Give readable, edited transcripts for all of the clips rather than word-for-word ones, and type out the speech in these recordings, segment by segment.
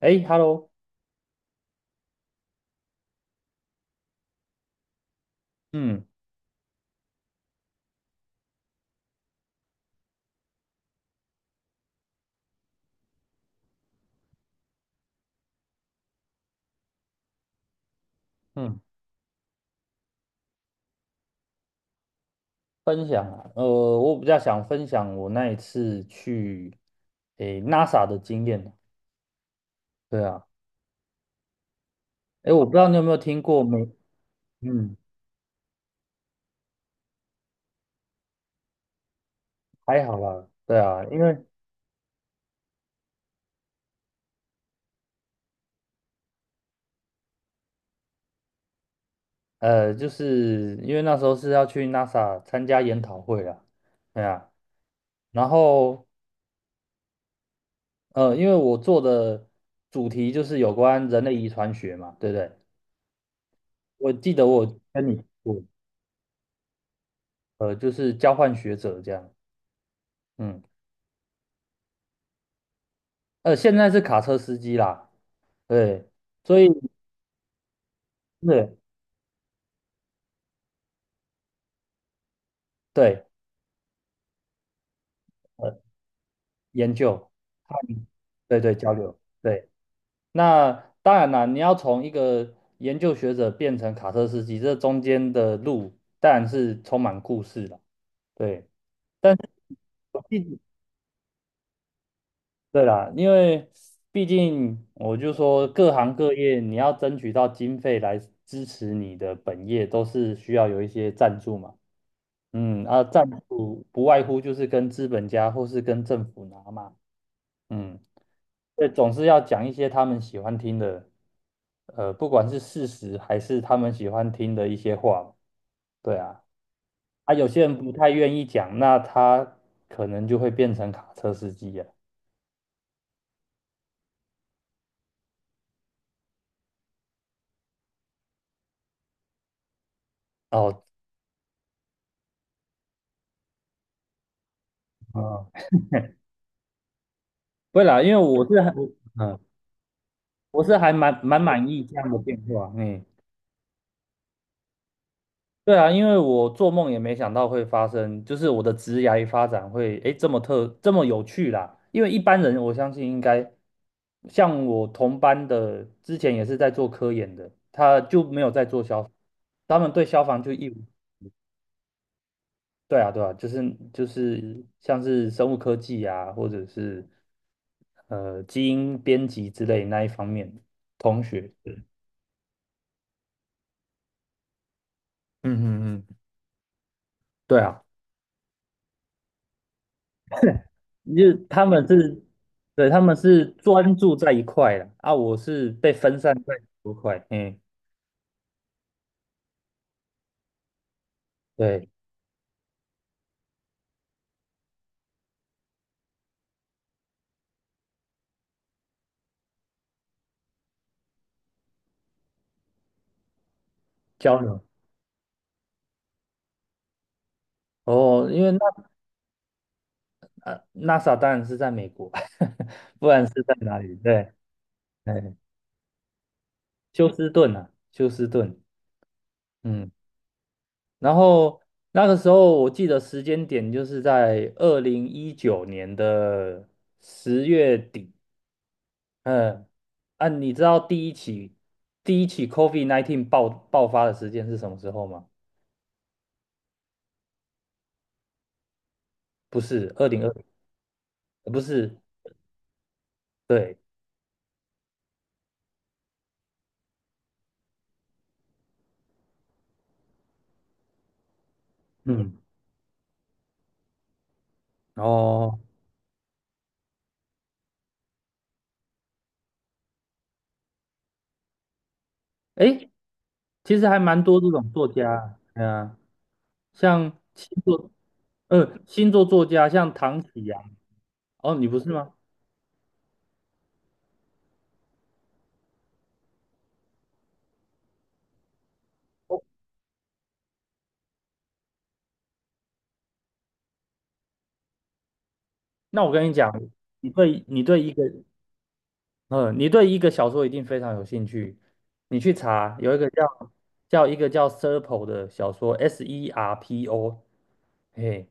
哎，Hello。嗯嗯。分享啊，我比较想分享我那一次去，诶，NASA 的经验啊。对啊。哎，我不知道你有没有听过没。嗯，还好啦。对啊，因为就是因为那时候是要去 NASA 参加研讨会啦。对啊。然后因为我做的主题就是有关人类遗传学嘛，对不对？我记得我有跟你我就是交换学者这样。嗯。现在是卡车司机啦。对，所以是，对，呃，研究，对对，交流，对。那当然啦，你要从一个研究学者变成卡车司机，这中间的路当然是充满故事了。对。但是我记得对啦，因为毕竟我就说各行各业你要争取到经费来支持你的本业，都是需要有一些赞助嘛。嗯啊，赞助不外乎就是跟资本家或是跟政府拿嘛。嗯，对，总是要讲一些他们喜欢听的，不管是事实还是他们喜欢听的一些话。对啊。啊，有些人不太愿意讲，那他可能就会变成卡车司机啊。哦，嗯，不会啦，因为我是还，嗯，我是还蛮满意这样的变化。嗯。对啊，因为我做梦也没想到会发生，就是我的职涯发展会诶这么有趣啦。因为一般人我相信应该像我同班的，之前也是在做科研的，他就没有在做消防，他们对消防就一无。对啊对啊，就是像是生物科技啊，或者是基因编辑之类那一方面同学。嗯嗯嗯，对啊。就为他们是，对，他们是专注在一块的啊，我是被分散在很多块。嗯，对，交流。哦，因为那NASA 当然是在美国。不然是在哪里？对，哎，休斯顿啊，休斯顿。嗯，然后那个时候我记得时间点就是在2019年的10月底。嗯，啊，你知道第一起COVID-19 爆发的时间是什么时候吗？不是2020。不是。对。嗯，哦，诶，其实还蛮多这种作家。对啊，像星座。嗯，星座作家像唐启阳。哦，你不是吗？那我跟你讲，你对你对一个，嗯，你对一个小说一定非常有兴趣，你去查有一个叫 Serpo 的小说，S E R P O。嘿。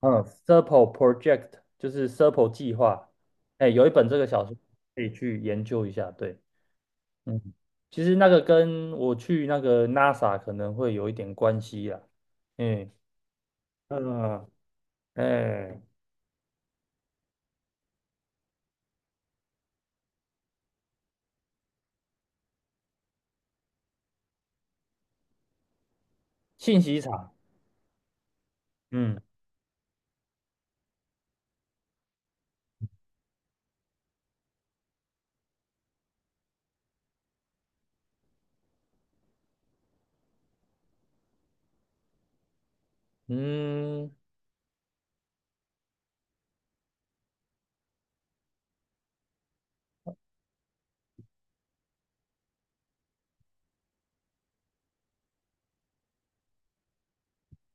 嗯 s e r p e Project， 就是 s e r p e 计划。哎，有一本这个小说可以去研究一下。对。嗯，其实那个跟我去那个 NASA 可能会有一点关系啦。嗯嗯，哎，信息场。嗯嗯，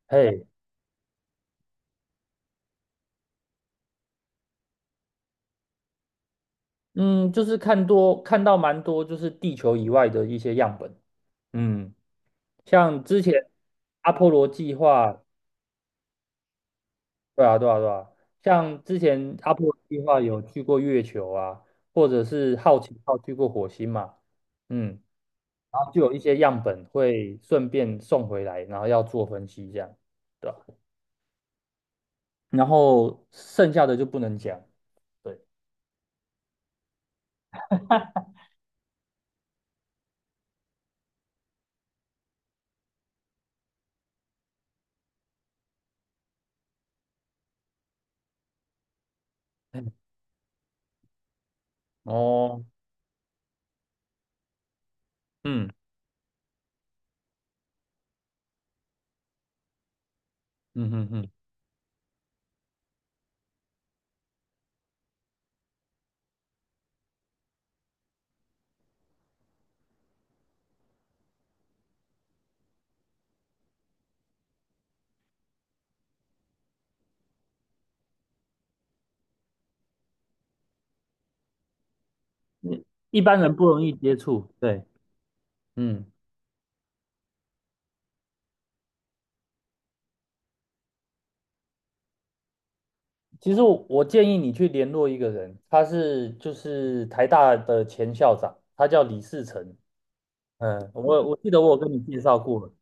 嘿，嗯，就是看多看到蛮多，就是地球以外的一些样本。嗯，像之前阿波罗计划。对啊，对啊，对啊，像之前阿波罗计划有去过月球啊，或者是好奇号去过火星嘛。嗯，然后就有一些样本会顺便送回来，然后要做分析这样，对吧？然后剩下的就不能讲。对。嗯，哦，嗯嗯嗯嗯。你一般人不容易接触。对。嗯，其实我建议你去联络一个人，他是就是台大的前校长，他叫李士成。嗯，我记得我有跟你介绍过。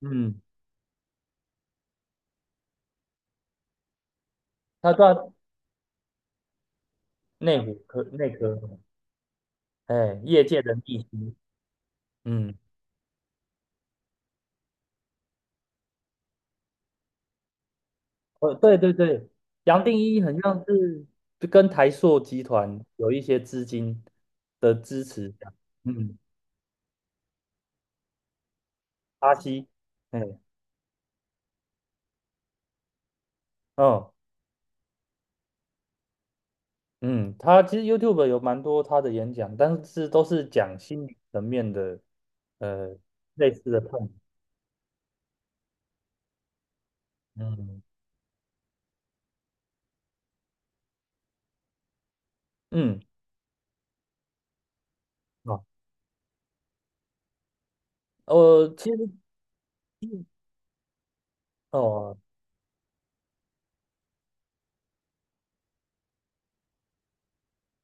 嗯，他在内湖科内科。哎，业界的秘书。嗯，对对对，杨定一很像是就跟台塑集团有一些资金的支持。嗯，巴西。哎，哦，嗯，他其实 YouTube 有蛮多他的演讲，但是都是讲心理层面的，呃，类似的痛。嗯嗯，哦，我其实哦。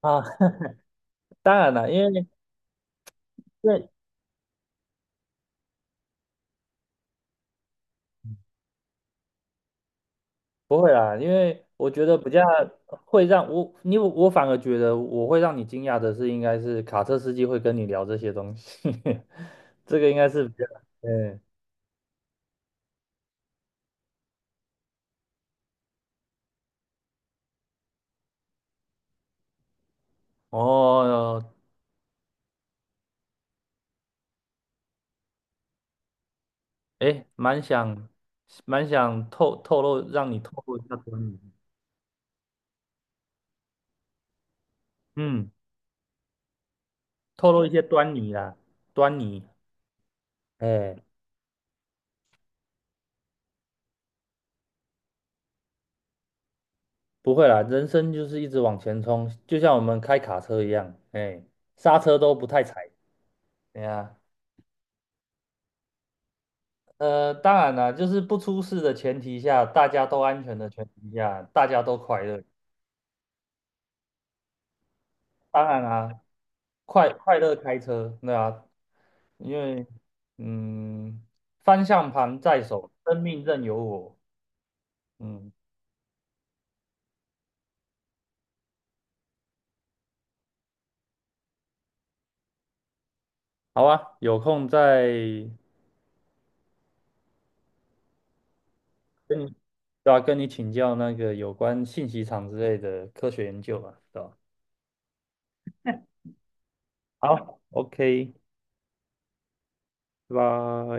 啊，当然了。因为对，不会啦，因为我觉得比较会让我因为我反而觉得我会让你惊讶的是，应该是卡车司机会跟你聊这些东西。这个应该是比较。嗯，哦，哎，蛮想透露让你透露一下端倪。嗯，透露一些端倪啦，端倪。哎，不会啦，人生就是一直往前冲，就像我们开卡车一样。哎，刹车都不太踩。哎呀。当然啦，就是不出事的前提下，大家都安全的前提下，大家都快乐。当然啦，快乐开车。对啊，因为嗯，方向盘在手，生命任由我。嗯，好啊，有空再跟你，对啊，跟你请教那个有关信息场之类的科学研究吧，对吧？好，OK，拜拜。